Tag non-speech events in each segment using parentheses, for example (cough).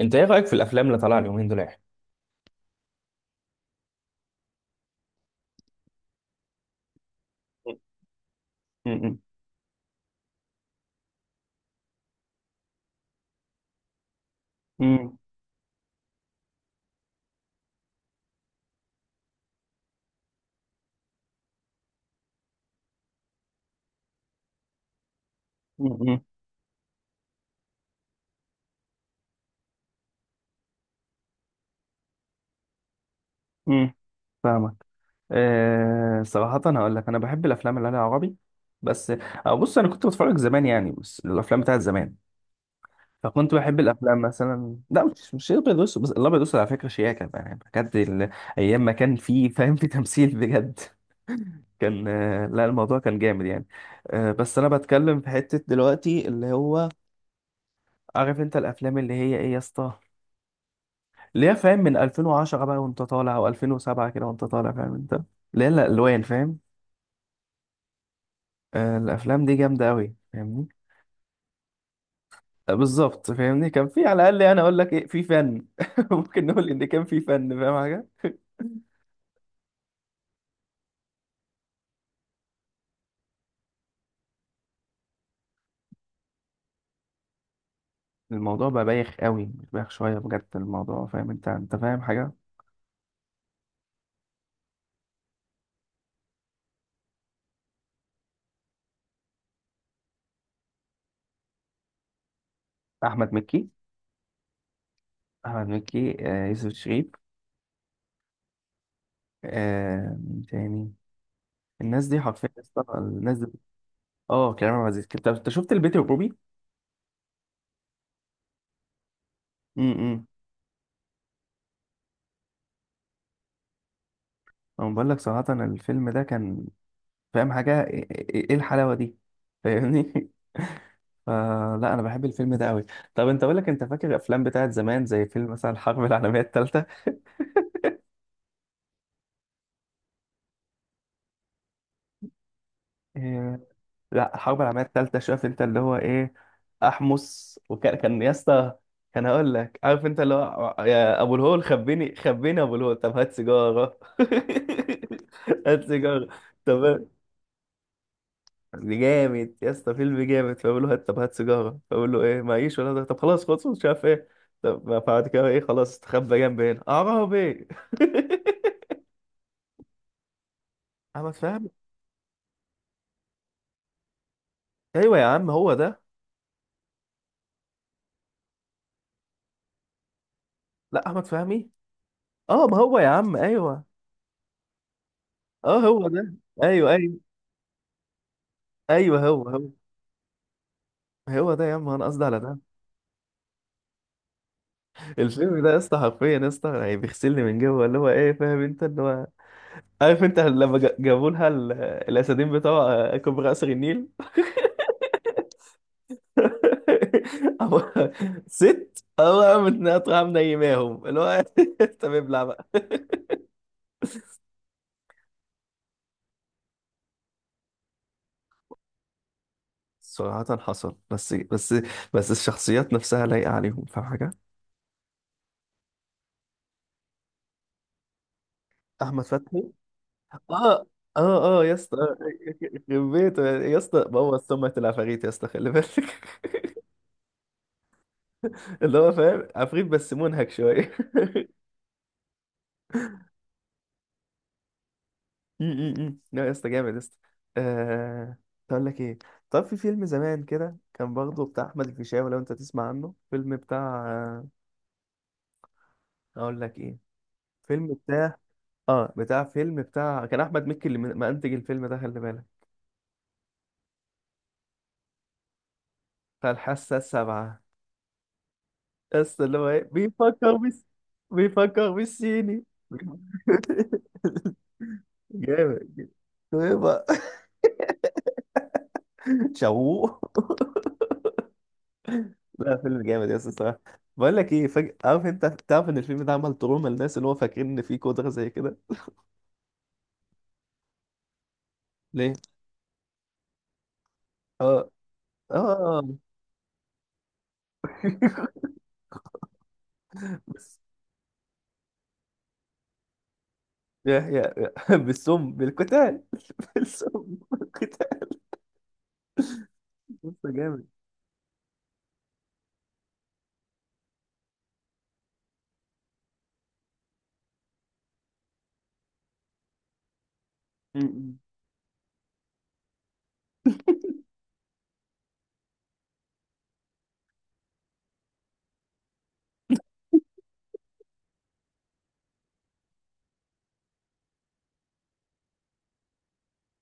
انت ايه رايك في الافلام اللي طالعه اليومين دول يا أحمد؟ م- م- م- م- م- فاهمك. أه، صراحة هقول لك أنا بحب الأفلام اللي عليها عربي بس. أه، بص أنا كنت بتفرج زمان يعني، بس الأفلام بتاعت زمان، فكنت بحب الأفلام مثلا، لا مش الأبيض والأسود، بس الأبيض والأسود على فكرة شياكة يعني بجد. أيام ما كان فيه فاهم، في تمثيل بجد (laughs) كان لا الموضوع كان جامد يعني. أه بس أنا بتكلم في حتة دلوقتي، اللي هو عارف أنت الأفلام اللي هي إيه يا اسطى، اللي هي فاهم من 2010 بقى وانت طالع، او 2007 كده وانت طالع، فاهم انت، اللي هي الالوان فاهم. آه الافلام دي جامده قوي، فاهمني. بالظبط فاهمني، كان في على الاقل، انا اقول لك ايه، في فن (laughs) ممكن نقول ان كان في فن فاهم حاجه. الموضوع بقى بايخ قوي، مش بايخ شويه بجد الموضوع، فاهم انت، فاهم حاجه. احمد مكي. احمد مكي، يوسف شريف. آه، مين تاني؟ الناس دي حرفيا يا اسطى، الناس دي. اه كريم عبد العزيز، أنت شفت البيت الروبي؟ امم. انا بقول لك صراحه الفيلم ده كان، فاهم حاجة، إيه الحلاوة دي، فاهمني (laughs) فلا، انا بحب الفيلم ده قوي. طب انت، اقول لك، انت فاكر الافلام بتاعت زمان؟ زي فيلم مثلا الحرب (laughs) العالمية الثالثة. إيه؟ لا، الحرب العالمية الثالثة، شايف انت اللي هو ايه. احمس، وكان يا اسطى، كان، هقول لك، عارف انت اللي هو، يا ابو الهول خبيني خبيني يا ابو الهول، طب هات سيجارة (laughs) هات سيجارة. طب، دي جامد يا اسطى، فيلم جامد. فبقول له هات، طب هات سيجاره، فبقول له ايه، معيش ولا ده، طب خلاص خلاص مش عارف ايه. طب بعد كده ايه، خلاص استخبى جنب هنا عربي (laughs) احمد فهمي. ايوه يا عم، هو ده. لا، احمد فهمي. اه، ما هو يا عم، ايوه. اه هو ده. ايوه ايوه ايوه، هو هو، هو ده يا عم، انا قصدي على ده. الفيلم ده يا اسطى، حرفيا يا اسطى يعني بيغسلني من جوه، اللي هو ايه، فاهم انت اللي هو، عارف انت لما جابوا لها الاسدين بتوع كوبري قصر النيل؟ أبو... ست، قامت ناطحة منيماهم اللي هو (laughs) طب ابلع بقى. صراحة حصل، بس الشخصيات نفسها لايقة عليهم، فاهم حاجة؟ أحمد فتحي. اه اه يا اسطى، يخرب بيته يا اسطى، بوظ سمعة العفاريت يا اسطى، خلي بالك (laughs) اللي هو فاهم عفريت بس منهك شوية (laughs) م- م- م. لا يا اسطى، جامد يا اسطى. آه... اقول لك ايه، طب في فيلم زمان كده كان برضه بتاع احمد الفيشاوي، لو انت تسمع عنه، فيلم بتاع، اقول لك ايه، فيلم بتاع، اه بتاع، فيلم بتاع، كان احمد مكي اللي منتج الفيلم ده، خلي بالك، بتاع الحاسه السابعه، بس اللي هو ايه، بيفكر بس، بيفكر بالصيني (laughs) جامد. ايه بقى؟ (laughs) شوق. لا فيلم جامد يا اسطى الصراحه. بقول لك ايه، عارف انت، تعرف ان الفيلم ده عمل تروما للناس، اللي هو فاكرين ان فيه قدره زي كده. ليه؟ اه، اه (laughs) بس، يا يا بالسم بالقتال (laughs) بالسم بالقتال، لسه جامد. م-م.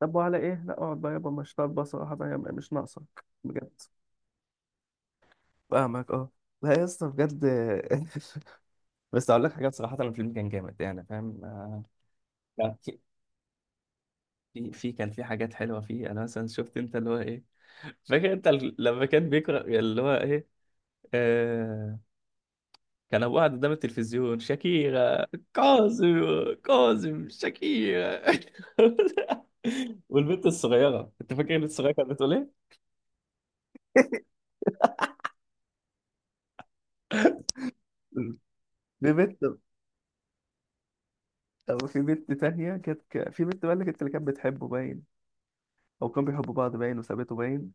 طب وعلى ايه، لا اقعد بقى يابا، مش طالبه صراحه بقى مش ناقصك بجد. فاهمك، اه. لا يا اسطى بجد (laughs) بس اقول لك حاجه، بصراحه الفيلم كان جامد يعني، فاهم لا في، في كان في حاجات حلوه فيه، انا مثلا شفت انت اللي هو ايه، فاكر انت لما كان بيقرا اللي هو ايه، آه، كان ابو قاعد قدام التلفزيون شاكيرا، كاظم، كاظم شاكيرا (laughs) والبنت الصغيره، انت فاكر البنت الصغيره كانت بتقول ايه؟ (laughs) البنت. طب في بنت تانية كانت في بنت بقى اللي كانت، اللي كانت بتحبه باين، أو كانوا بيحبوا بعض باين، وسابته باين.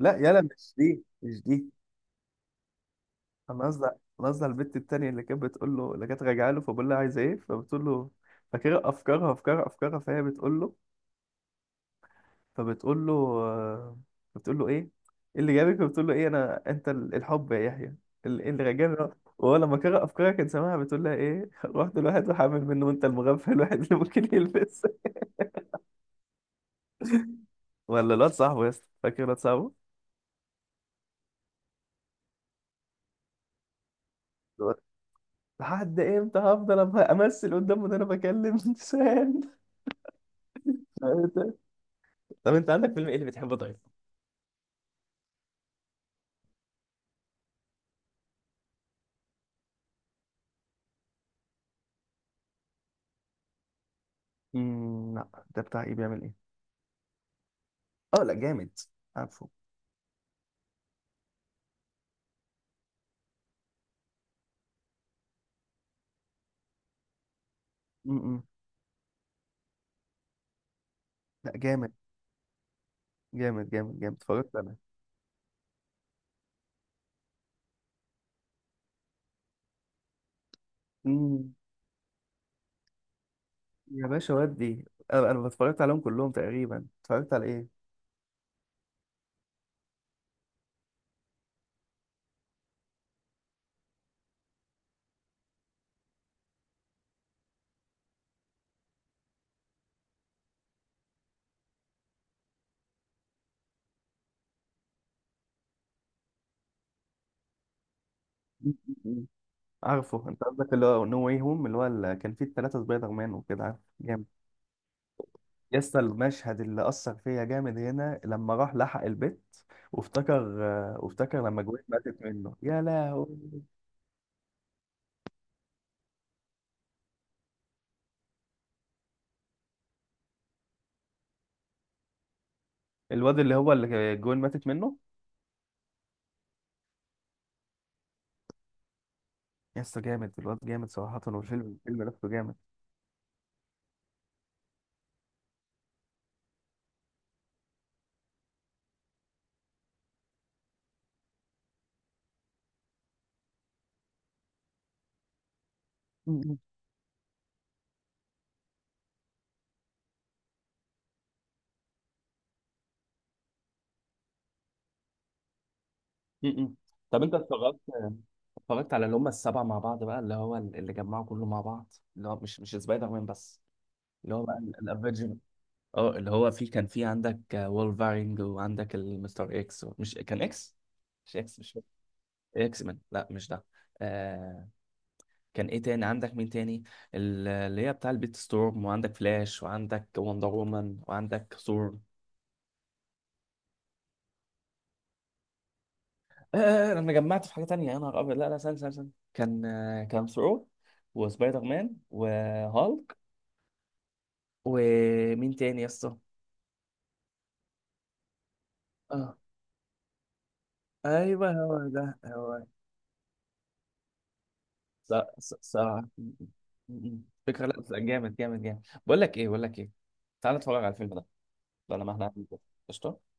لا يلا، مش دي. أنا قصدي أنا قصدي على البنت التانية، اللي كانت بتقول له، اللي كانت راجعة له، فبقول لها عايزة إيه، فبتقول له فاكرة أفكارها أفكارها أفكارها، فهي بتقول له، فبتقول له، بتقول له إيه اللي جابك، فبتقول له إيه، أنا أنت الحب يا يحيى، إيه اللي راجعني. وهو لما قرأ أفكارها كان سامعها بتقول لها إيه (laughs) رحت لواحد وحامل منه، وأنت المغفل الواحد اللي ممكن يلبس (laughs) ولا الواد صاحبه يا اسطى، فاكر الواد صاحبه؟ لحد امتى هفضل امثل قدامه ان انا بكلم (laughs) انسان. طب انت عندك فيلم ايه اللي بتحبه طيب؟ مم، لا، ده بتاع ايه، بيعمل ايه؟ اه لا، جامد، عارفه. م-م. لا جامد اتفرجت انا. م. يا باشا، ودي انا، اتفرجت عليهم كلهم تقريبا، اتفرجت على ايه. م-م-م. عارفه انت قصدك اللي هو نو واي هوم، اللي هو اللي كان فيه الثلاثه سبايدر مان وكده. عارف. يسطا المشهد اللي أثر فيا جامد هنا، لما راح لحق البيت، وافتكر، آه، وافتكر لما جوين ماتت منه، يا لهوي. الواد اللي هو اللي جوين ماتت منه. يسطا جامد الواد، جامد صراحة، والفيلم، الفيلم نفسه جامد. م- م- م. طب انت اتفرجت، اتفرجت على اللي هم السبعه مع بعض بقى، اللي هو اللي جمعوا كله مع بعض، اللي هو مش سبايدر مان بس، اللي هو بقى الافنجر. اه اللي هو، في، كان في عندك وولفارينج، وعندك المستر اكس، مش كان اكس؟ مش اكس مان، لا مش ده. آه، كان ايه تاني عندك، مين تاني؟ اللي هي بتاع البيت ستورم، وعندك فلاش، وعندك وندر وومن، وعندك ثور. آه انا جمعت في حاجه تانية، يا نهار ابيض، لا لا، استنى. كان آه، كان ثور وسبايدر مان وهالك، ومين تاني يا اسطى؟ اه، ايوه هو ده هو. صراحه صراحه. فكره، لا جامد جامد جامد. بقول لك ايه، تعالى نتفرج على الفيلم ده بدل ما احنا قاعدين كده. قشطه.